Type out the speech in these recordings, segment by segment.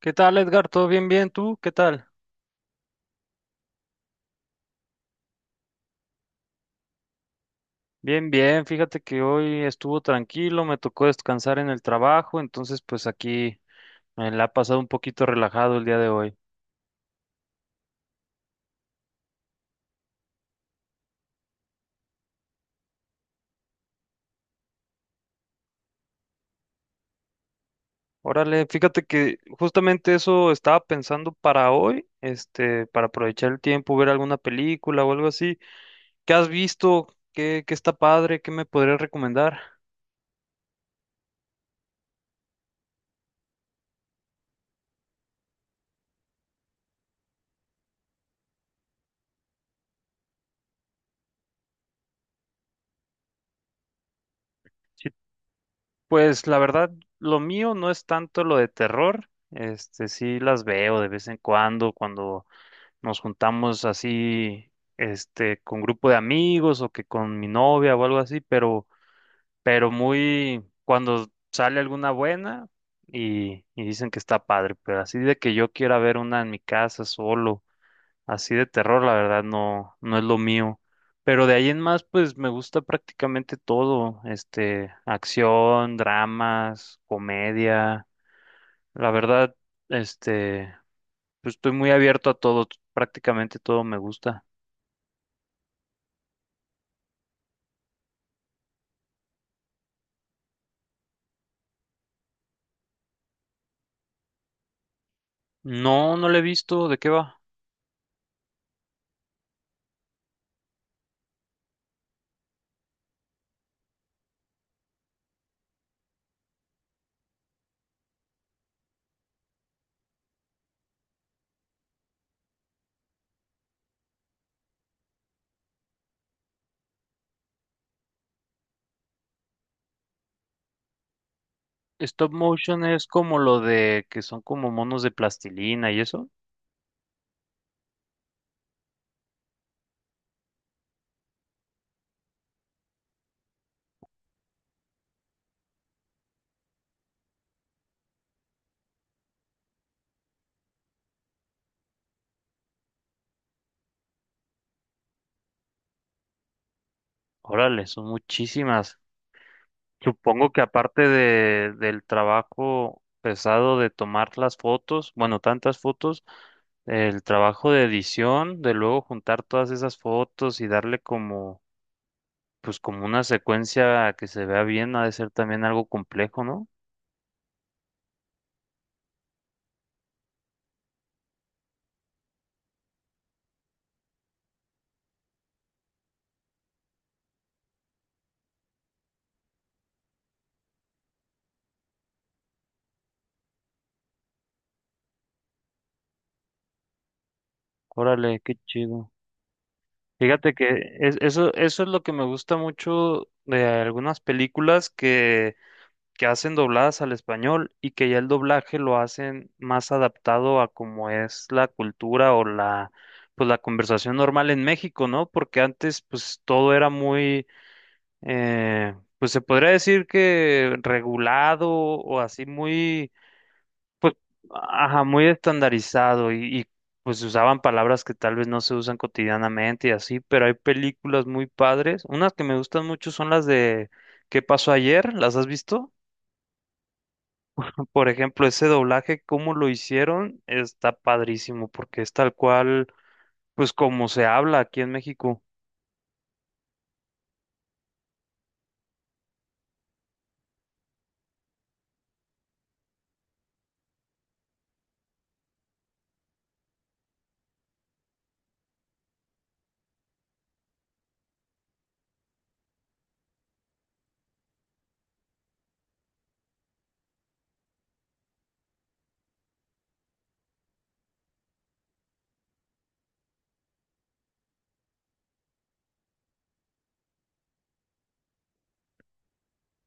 ¿Qué tal, Edgar? ¿Todo bien? ¿Tú? ¿Qué tal? Bien, bien. Fíjate que hoy estuvo tranquilo, me tocó descansar en el trabajo, entonces pues aquí me la ha pasado un poquito relajado el día de hoy. Órale, fíjate que justamente eso estaba pensando para hoy, para aprovechar el tiempo, ver alguna película o algo así. ¿Qué has visto? ¿Qué está padre? ¿Qué me podrías recomendar? Sí, pues la verdad, lo mío no es tanto lo de terror, sí las veo de vez en cuando, cuando nos juntamos así, con grupo de amigos o que con mi novia o algo así, pero muy, cuando sale alguna buena y dicen que está padre, pero así de que yo quiera ver una en mi casa solo, así de terror, la verdad no, no es lo mío. Pero de ahí en más, pues me gusta prácticamente todo, acción, dramas, comedia, la verdad, este, pues estoy muy abierto a todo, prácticamente todo me gusta. No, no lo he visto. ¿De qué va? Stop motion es como lo de que son como monos de plastilina y eso. Órale, son muchísimas. Supongo que aparte del trabajo pesado de tomar las fotos, bueno, tantas fotos, el trabajo de edición, de luego juntar todas esas fotos y darle como, pues como una secuencia que se vea bien, ha de ser también algo complejo, ¿no? Órale, qué chido. Fíjate que eso es lo que me gusta mucho de algunas películas que hacen dobladas al español y que ya el doblaje lo hacen más adaptado a cómo es la cultura o pues la conversación normal en México, ¿no? Porque antes pues todo era muy, eh, pues se podría decir que regulado o así muy. Ajá, muy estandarizado pues usaban palabras que tal vez no se usan cotidianamente y así, pero hay películas muy padres. Unas que me gustan mucho son las de ¿Qué pasó ayer? ¿Las has visto? Por ejemplo, ese doblaje, cómo lo hicieron, está padrísimo porque es tal cual, pues como se habla aquí en México.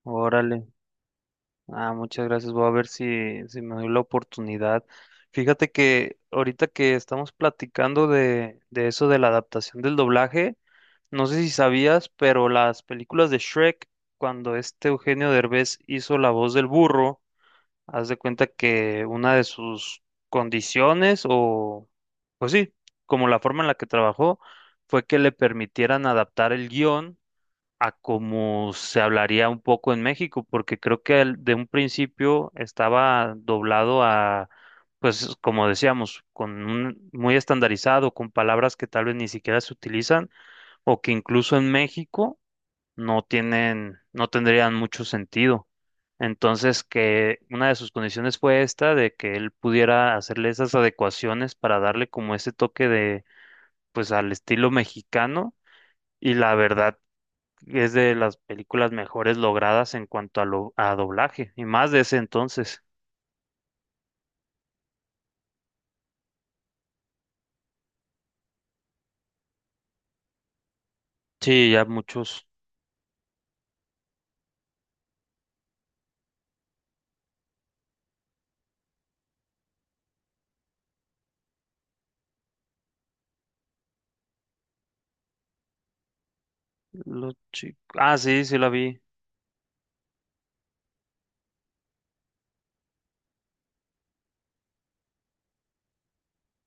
Órale. Ah, muchas gracias. Voy a ver si me doy la oportunidad. Fíjate que ahorita que estamos platicando de eso de la adaptación del doblaje. No sé si sabías, pero las películas de Shrek, cuando este Eugenio Derbez hizo la voz del burro, haz de cuenta que una de sus condiciones, o pues sí, como la forma en la que trabajó, fue que le permitieran adaptar el guión a como se hablaría un poco en México, porque creo que de un principio estaba doblado a, pues como decíamos, con un, muy estandarizado, con palabras que tal vez ni siquiera se utilizan o que incluso en México no tienen, no tendrían mucho sentido. Entonces, que una de sus condiciones fue esta, de que él pudiera hacerle esas adecuaciones para darle como ese toque de, pues, al estilo mexicano. Y la verdad es de las películas mejores logradas en cuanto a, lo, a doblaje, y más de ese entonces. Sí, ya muchos. Ah, sí, sí la vi.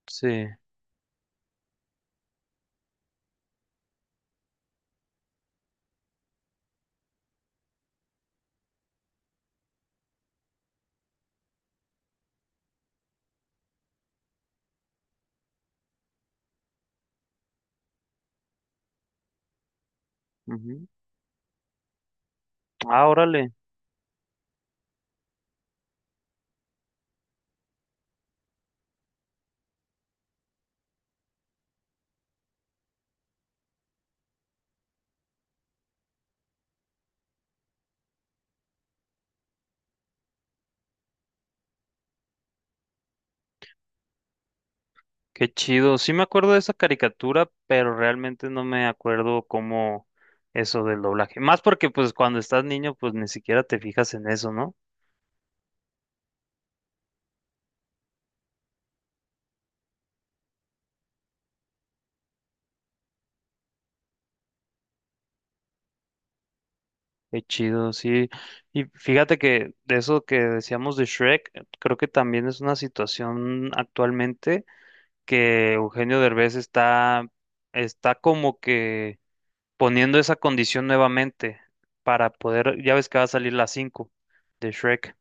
Sí. Ujú. Ah, órale. Qué chido. Sí me acuerdo de esa caricatura, pero realmente no me acuerdo cómo eso del doblaje. Más porque pues cuando estás niño pues ni siquiera te fijas en eso, ¿no? Qué chido, sí. Y fíjate que de eso que decíamos de Shrek, creo que también es una situación actualmente que Eugenio Derbez está como que poniendo esa condición nuevamente para poder, ya ves que va a salir la 5 de Shrek.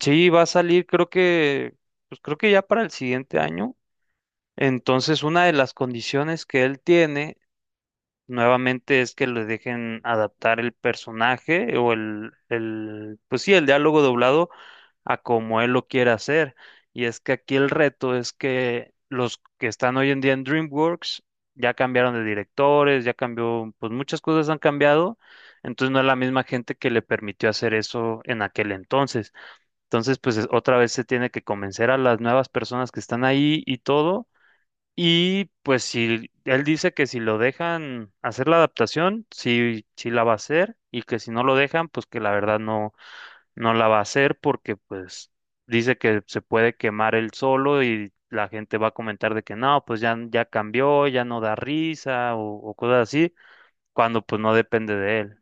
Sí, va a salir, pues creo que ya para el siguiente año. Entonces, una de las condiciones que él tiene nuevamente es que le dejen adaptar el personaje o pues sí, el diálogo doblado a como él lo quiera hacer. Y es que aquí el reto es que los que están hoy en día en DreamWorks ya cambiaron de directores, ya cambió, pues muchas cosas han cambiado. Entonces, no es la misma gente que le permitió hacer eso en aquel entonces. Entonces, pues otra vez se tiene que convencer a las nuevas personas que están ahí y todo. Y pues si él dice que si lo dejan hacer la adaptación, sí, sí la va a hacer y que si no lo dejan, pues que la verdad no, no la va a hacer porque pues dice que se puede quemar él solo y la gente va a comentar de que no, pues ya, ya cambió, ya no da risa o cosas así, cuando pues no depende de él.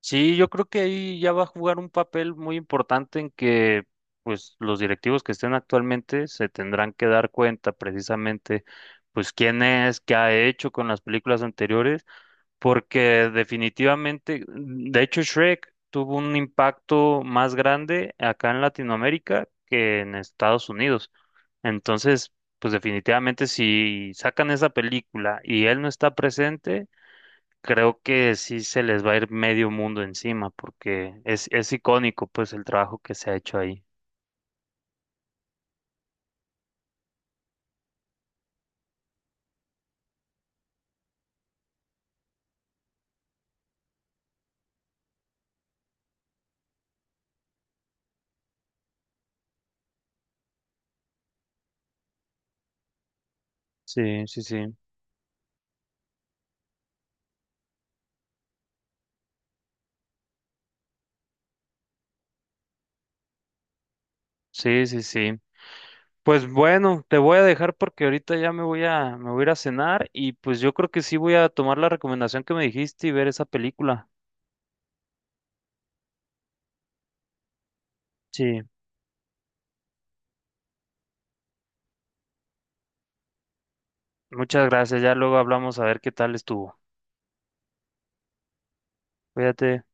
Sí, yo creo que ahí ya va a jugar un papel muy importante en que pues los directivos que estén actualmente se tendrán que dar cuenta precisamente pues quién es, qué ha hecho con las películas anteriores, porque definitivamente, de hecho Shrek tuvo un impacto más grande acá en Latinoamérica que en Estados Unidos. Entonces, pues definitivamente si sacan esa película y él no está presente, creo que sí se les va a ir medio mundo encima porque es icónico pues el trabajo que se ha hecho ahí. Sí, sí, sí. Sí, sí, sí. Pues bueno, te voy a dejar porque ahorita ya me voy a ir a cenar y pues yo creo que sí voy a tomar la recomendación que me dijiste y ver esa película. Sí, muchas gracias. Ya luego hablamos a ver qué tal estuvo. Cuídate.